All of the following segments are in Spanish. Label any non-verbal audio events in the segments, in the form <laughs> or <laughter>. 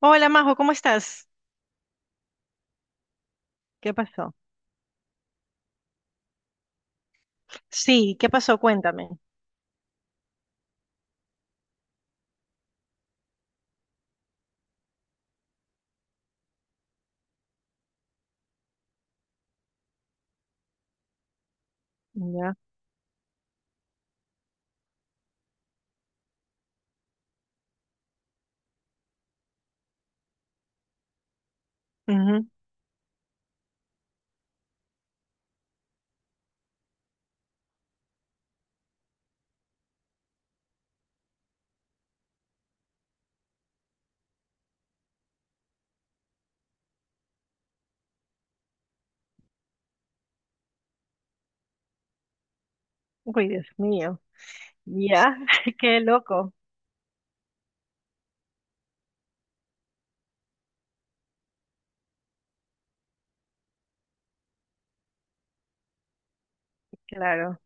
Hola Majo, ¿cómo estás? ¿Qué pasó? Sí, ¿qué pasó? Cuéntame. Ya. Ujú. Uy, Dios mío. Ya, <laughs> qué loco. Claro,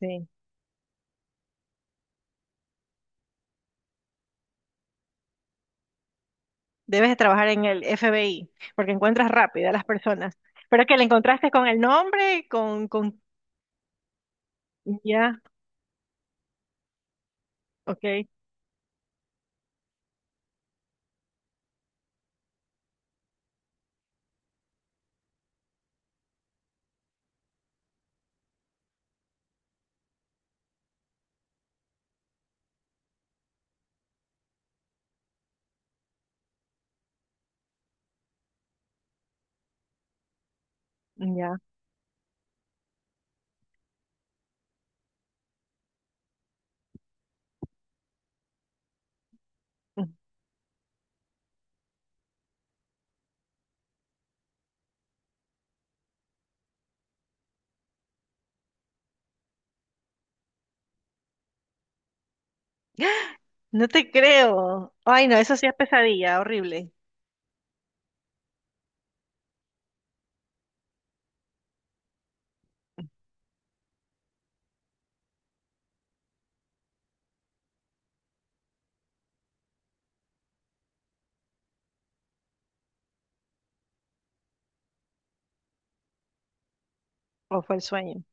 sí. Debes de trabajar en el FBI porque encuentras rápido a las personas. Pero que le encontraste con el nombre, con... Ya, ok, ya. <gasps> No te creo. Ay, no, eso sí es pesadilla, horrible. O fue el sueño.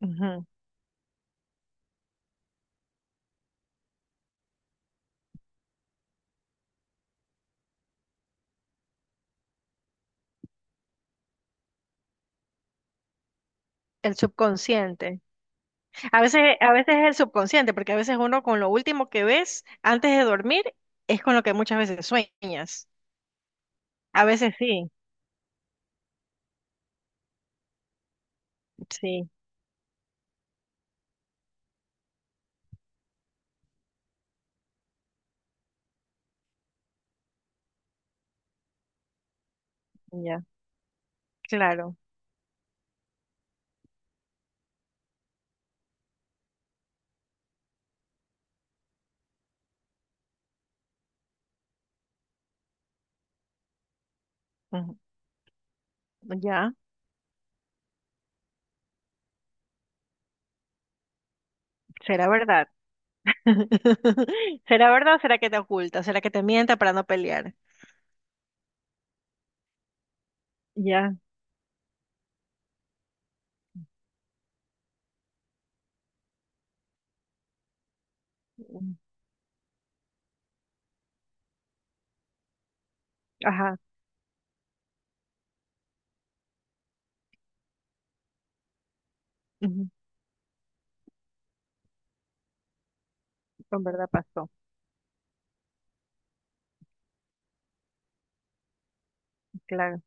Ujú. El subconsciente. A veces es el subconsciente, porque a veces uno con lo último que ves antes de dormir es con lo que muchas veces sueñas. A veces sí, sí, ya, claro, ujú, ya, será verdad. <laughs> ¿Será verdad o será que te oculta? ¿Será que te mienta para no pelear? Ya, mm, ajá, ujú, con verdad pasó, claro.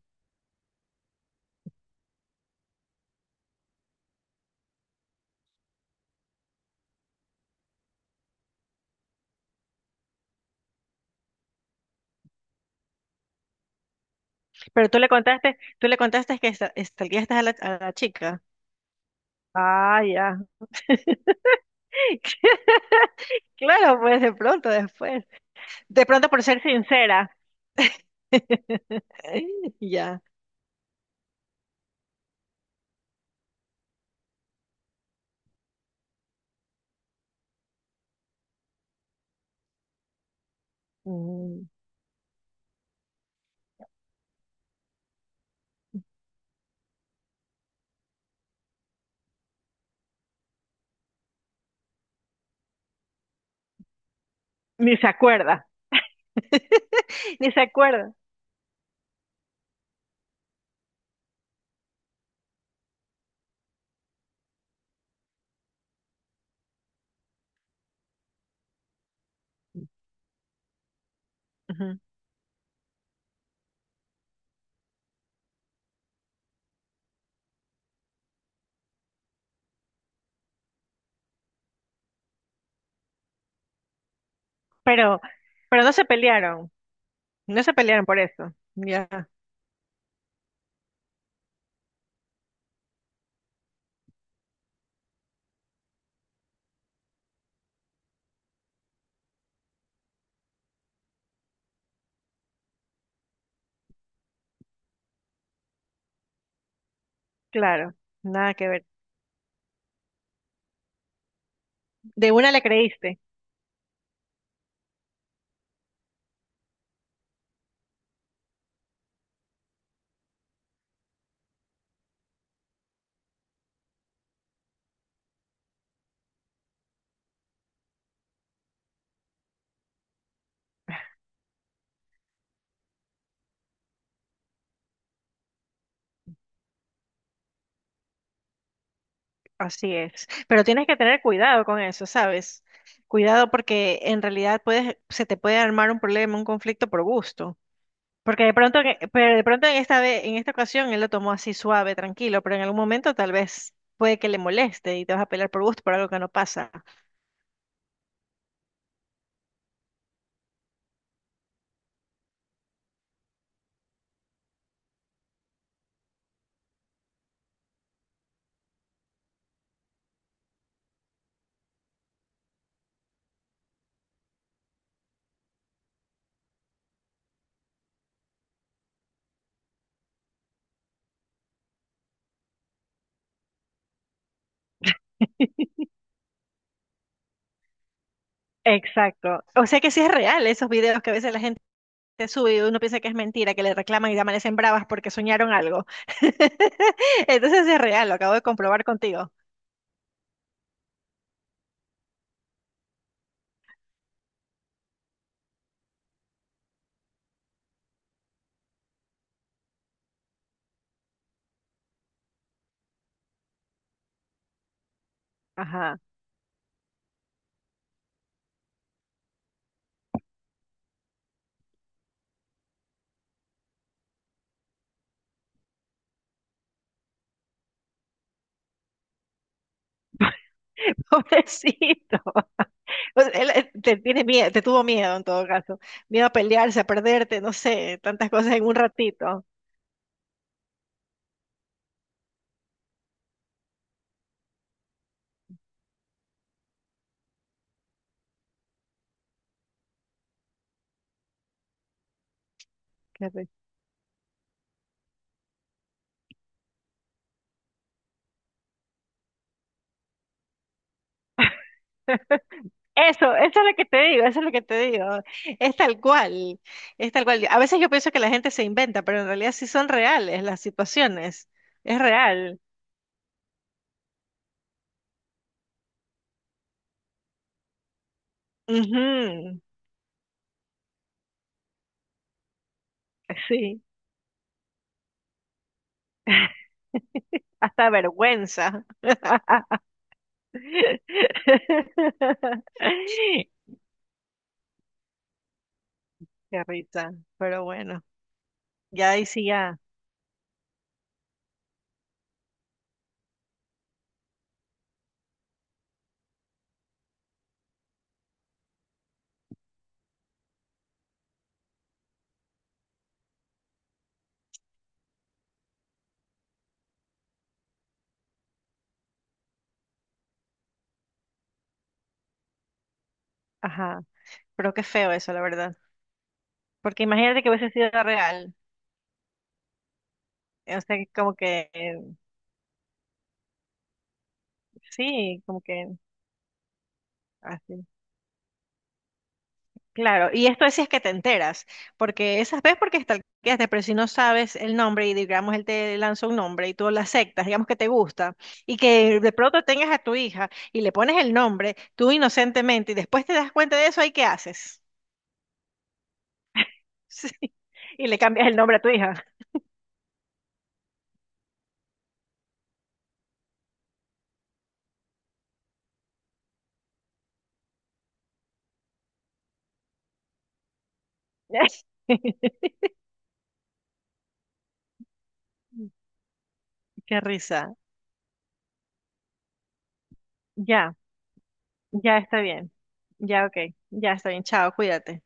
Pero tú le contaste que estalqueaste a la chica. Ah, ya. <laughs> Claro, pues de pronto después. De pronto por ser sincera. <laughs> Ya. Mm, ni se acuerda. <laughs> Ni se acuerda. Ujú. Pero, pero no se pelearon. No se pelearon por eso. Ya, claro. Nada que ver. De una le creíste. Así es. Pero tienes que tener cuidado con eso, ¿sabes? Cuidado porque en realidad puedes, se te puede armar un problema, un conflicto por gusto. Porque de pronto, que- pero de pronto en esta vez, en esta ocasión él lo tomó así suave, tranquilo, pero en algún momento tal vez puede que le moleste y te vas a pelear por gusto por algo que no pasa. Exacto. O sea que sí es real esos videos que a veces la gente sube y uno piensa que es mentira, que le reclaman y amanecen bravas porque soñaron algo. <laughs> Entonces sí es real, lo acabo de comprobar contigo. Ajá. <laughs> Pobrecito. O sea, él te tiene miedo, te tuvo miedo en todo caso. Miedo a pelearse, a perderte, no sé, tantas cosas en un ratito. Eso es lo que te digo, eso es lo que te digo. Es tal cual, es tal cual. A veces yo pienso que la gente se inventa, pero en realidad sí son reales las situaciones. Es real. Ujú, sí, hasta vergüenza. <laughs> Qué risa, pero bueno, ya ahí sí ya. Ajá, pero qué feo eso, la verdad. Porque imagínate que hubiese sido real. O sea, que como que, sí, como que así. Claro, y esto es si es que te enteras, porque esas veces porque stalkeaste, pero si no sabes el nombre y digamos él te lanza un nombre y tú lo aceptas, digamos que te gusta, y que de pronto tengas a tu hija y le pones el nombre, tú inocentemente, y después te das cuenta de eso, ¿ahí qué haces? <laughs> Sí, y le cambias el nombre a tu hija. <laughs> Qué risa. Ya, ya está bien. Ya, ok. Ya está bien. Chao, cuídate.